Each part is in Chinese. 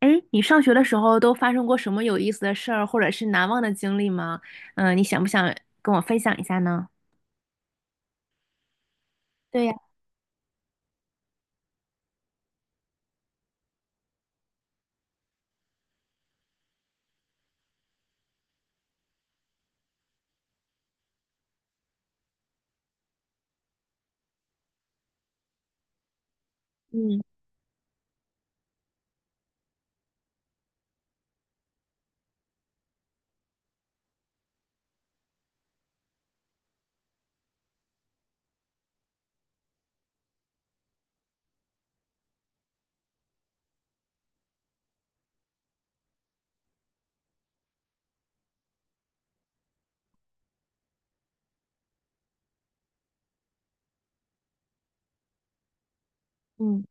哎，你上学的时候都发生过什么有意思的事儿，或者是难忘的经历吗？你想不想跟我分享一下呢？对呀，嗯嗯，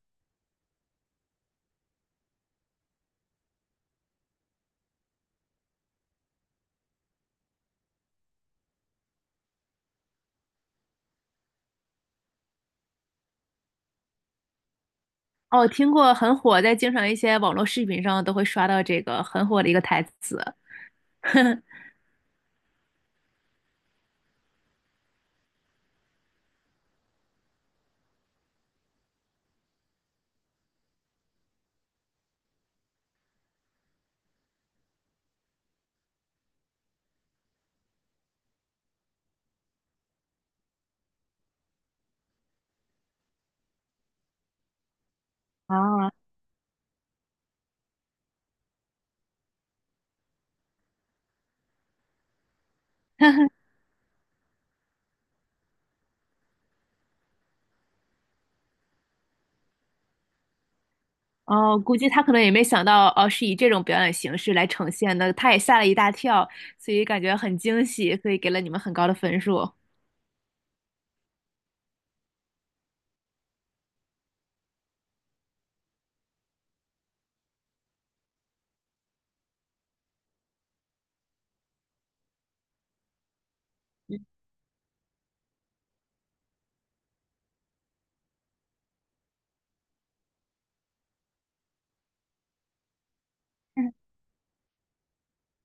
哦，听过很火，在经常一些网络视频上都会刷到这个很火的一个台词。啊，哦，估计他可能也没想到，哦，是以这种表演形式来呈现的，他也吓了一大跳，所以感觉很惊喜，所以给了你们很高的分数。嗯，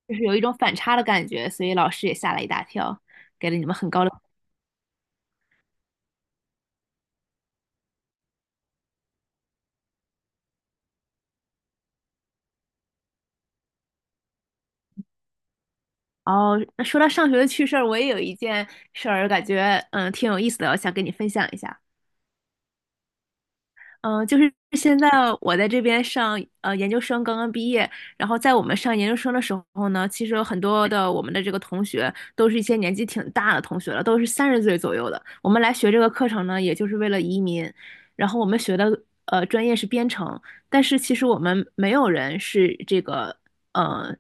就是有一种反差的感觉，所以老师也吓了一大跳，给了你们很高的。哦，那说到上学的趣事儿，我也有一件事儿，感觉挺有意思的，我想跟你分享一下。嗯，就是现在我在这边上研究生，刚刚毕业。然后在我们上研究生的时候呢，其实有很多的我们的这个同学都是一些年纪挺大的同学了，都是三十岁左右的。我们来学这个课程呢，也就是为了移民。然后我们学的专业是编程，但是其实我们没有人是这个呃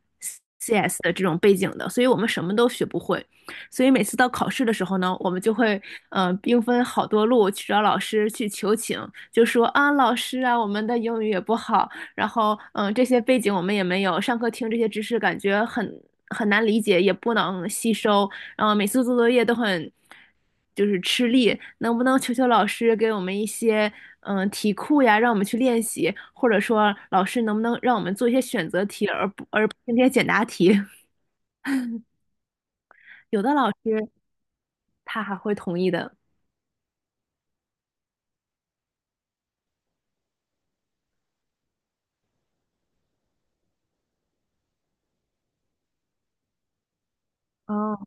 CS 的这种背景的，所以我们什么都学不会。所以每次到考试的时候呢，我们就会兵分好多路去找老师去求情，就说啊老师啊，我们的英语也不好，然后这些背景我们也没有，上课听这些知识感觉很难理解，也不能吸收，然后每次做作业都很就是吃力，能不能求求老师给我们一些题库呀，让我们去练习，或者说老师能不能让我们做一些选择题，而不是那些简答题？有的老师他还会同意的。哦，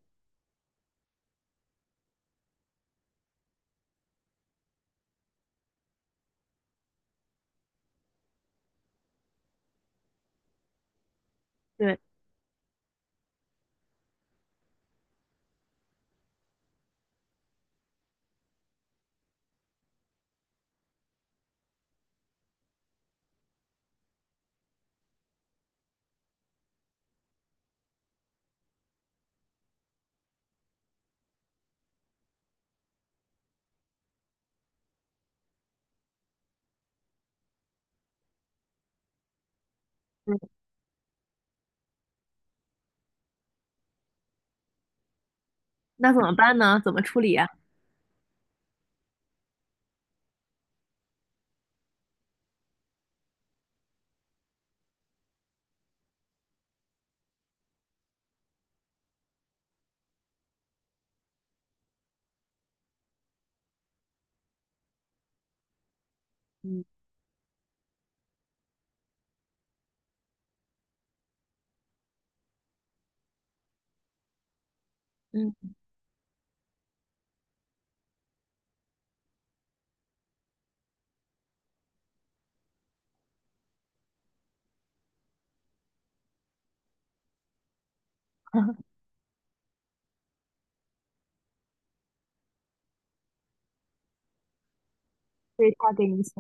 对，那怎么办呢？怎么处理呀？嗯嗯，所以他给你一些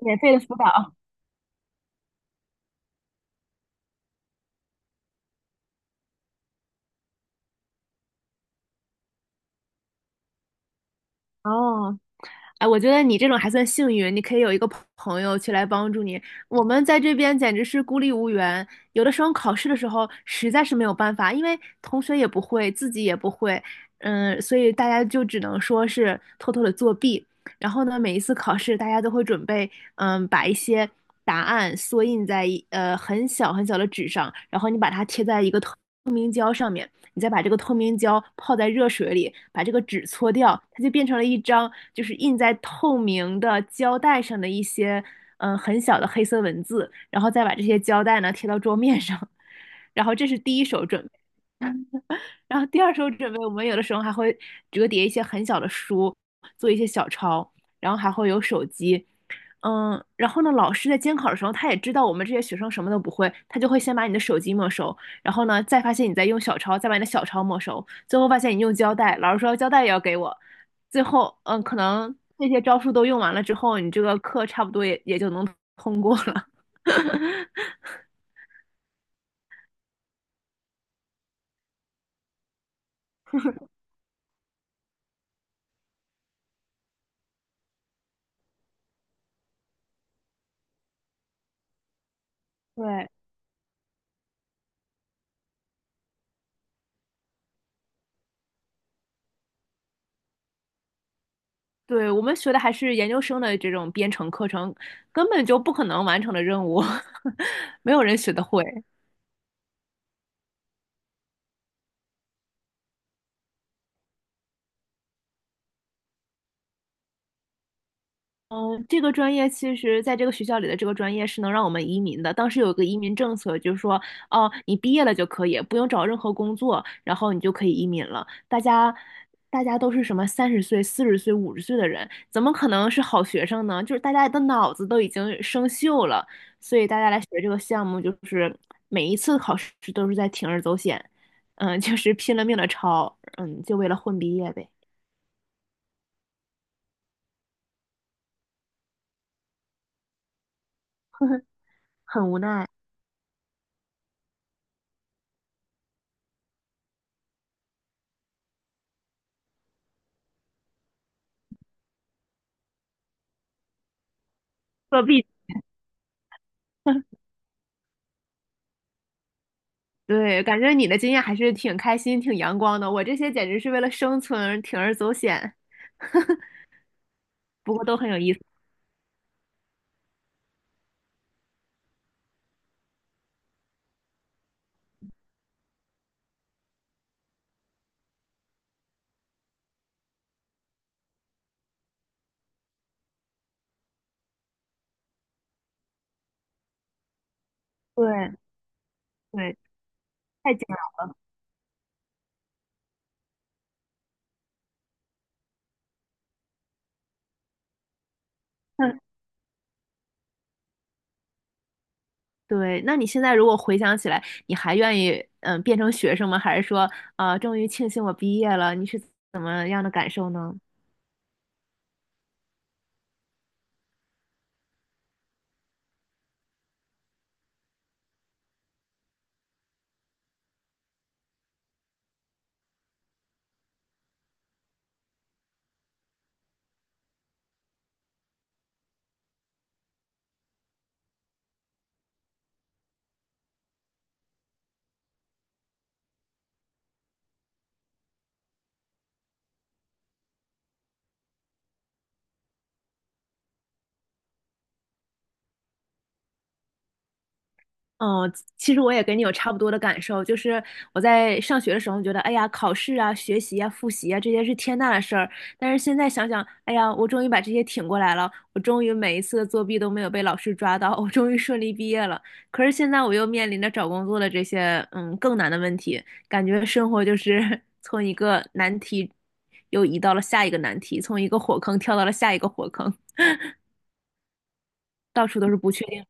免费的辅导。哦，哎，我觉得你这种还算幸运，你可以有一个朋友去来帮助你。我们在这边简直是孤立无援，有的时候考试的时候实在是没有办法，因为同学也不会，自己也不会，所以大家就只能说是偷偷的作弊。然后呢，每一次考试，大家都会准备，把一些答案缩印在很小很小的纸上，然后你把它贴在一个透明胶上面。你再把这个透明胶泡在热水里，把这个纸搓掉，它就变成了一张就是印在透明的胶带上的一些很小的黑色文字，然后再把这些胶带呢贴到桌面上，然后这是第一手准，然后第二手准备，我们有的时候还会折叠一些很小的书，做一些小抄，然后还会有手机，然后呢，老师在监考的时候，他也知道我们这些学生什么都不会，他就会先把你的手机没收，然后呢，再发现你在用小抄，再把你的小抄没收，最后发现你用胶带，老师说胶带也要给我，最后，可能这些招数都用完了之后，你这个课差不多也就能通过了。对，对，我们学的还是研究生的这种编程课程，根本就不可能完成的任务，没有人学得会。嗯，这个专业其实在这个学校里的这个专业是能让我们移民的。当时有一个移民政策，就是说，哦，你毕业了就可以，不用找任何工作，然后你就可以移民了。大家，大家都是什么三十岁、40岁、50岁的人，怎么可能是好学生呢？就是大家的脑子都已经生锈了，所以大家来学这个项目，就是每一次考试都是在铤而走险，就是拼了命的抄，就为了混毕业呗，很无奈。作弊。对，感觉你的经验还是挺开心、挺阳光的。我这些简直是为了生存，铤而走险，不过都很有意思。对对，太惊了。嗯，对。那你现在如果回想起来，你还愿意变成学生吗？还是说终于庆幸我毕业了？你是怎么样的感受呢？嗯，其实我也跟你有差不多的感受，就是我在上学的时候觉得，哎呀，考试啊、学习啊、复习啊，这些是天大的事儿。但是现在想想，哎呀，我终于把这些挺过来了，我终于每一次的作弊都没有被老师抓到，我终于顺利毕业了。可是现在我又面临着找工作的这些，嗯，更难的问题，感觉生活就是 从一个难题又移到了下一个难题，从一个火坑跳到了下一个火坑，到处都是不确定。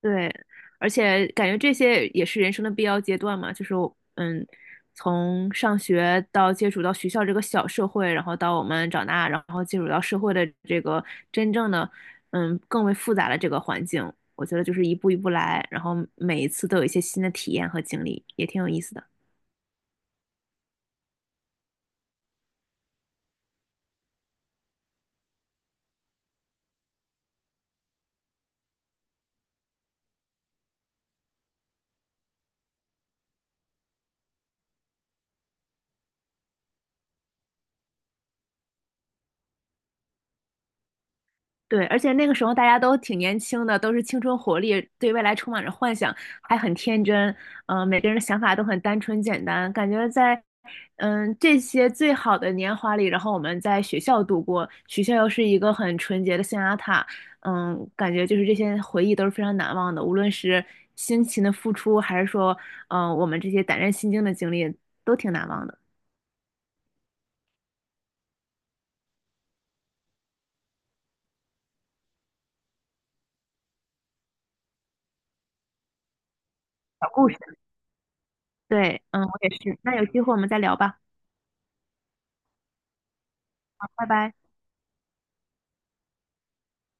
对，而且感觉这些也是人生的必要阶段嘛，就是嗯，从上学到接触到学校这个小社会，然后到我们长大，然后接触到社会的这个真正的更为复杂的这个环境，我觉得就是一步一步来，然后每一次都有一些新的体验和经历，也挺有意思的。对，而且那个时候大家都挺年轻的，都是青春活力，对未来充满着幻想，还很天真。每个人的想法都很单纯简单，感觉在这些最好的年华里，然后我们在学校度过，学校又是一个很纯洁的象牙塔。感觉就是这些回忆都是非常难忘的，无论是辛勤的付出，还是说我们这些胆战心惊的经历，都挺难忘的。小故事。对，嗯，我也是。那有机会我们再聊吧。好，拜拜。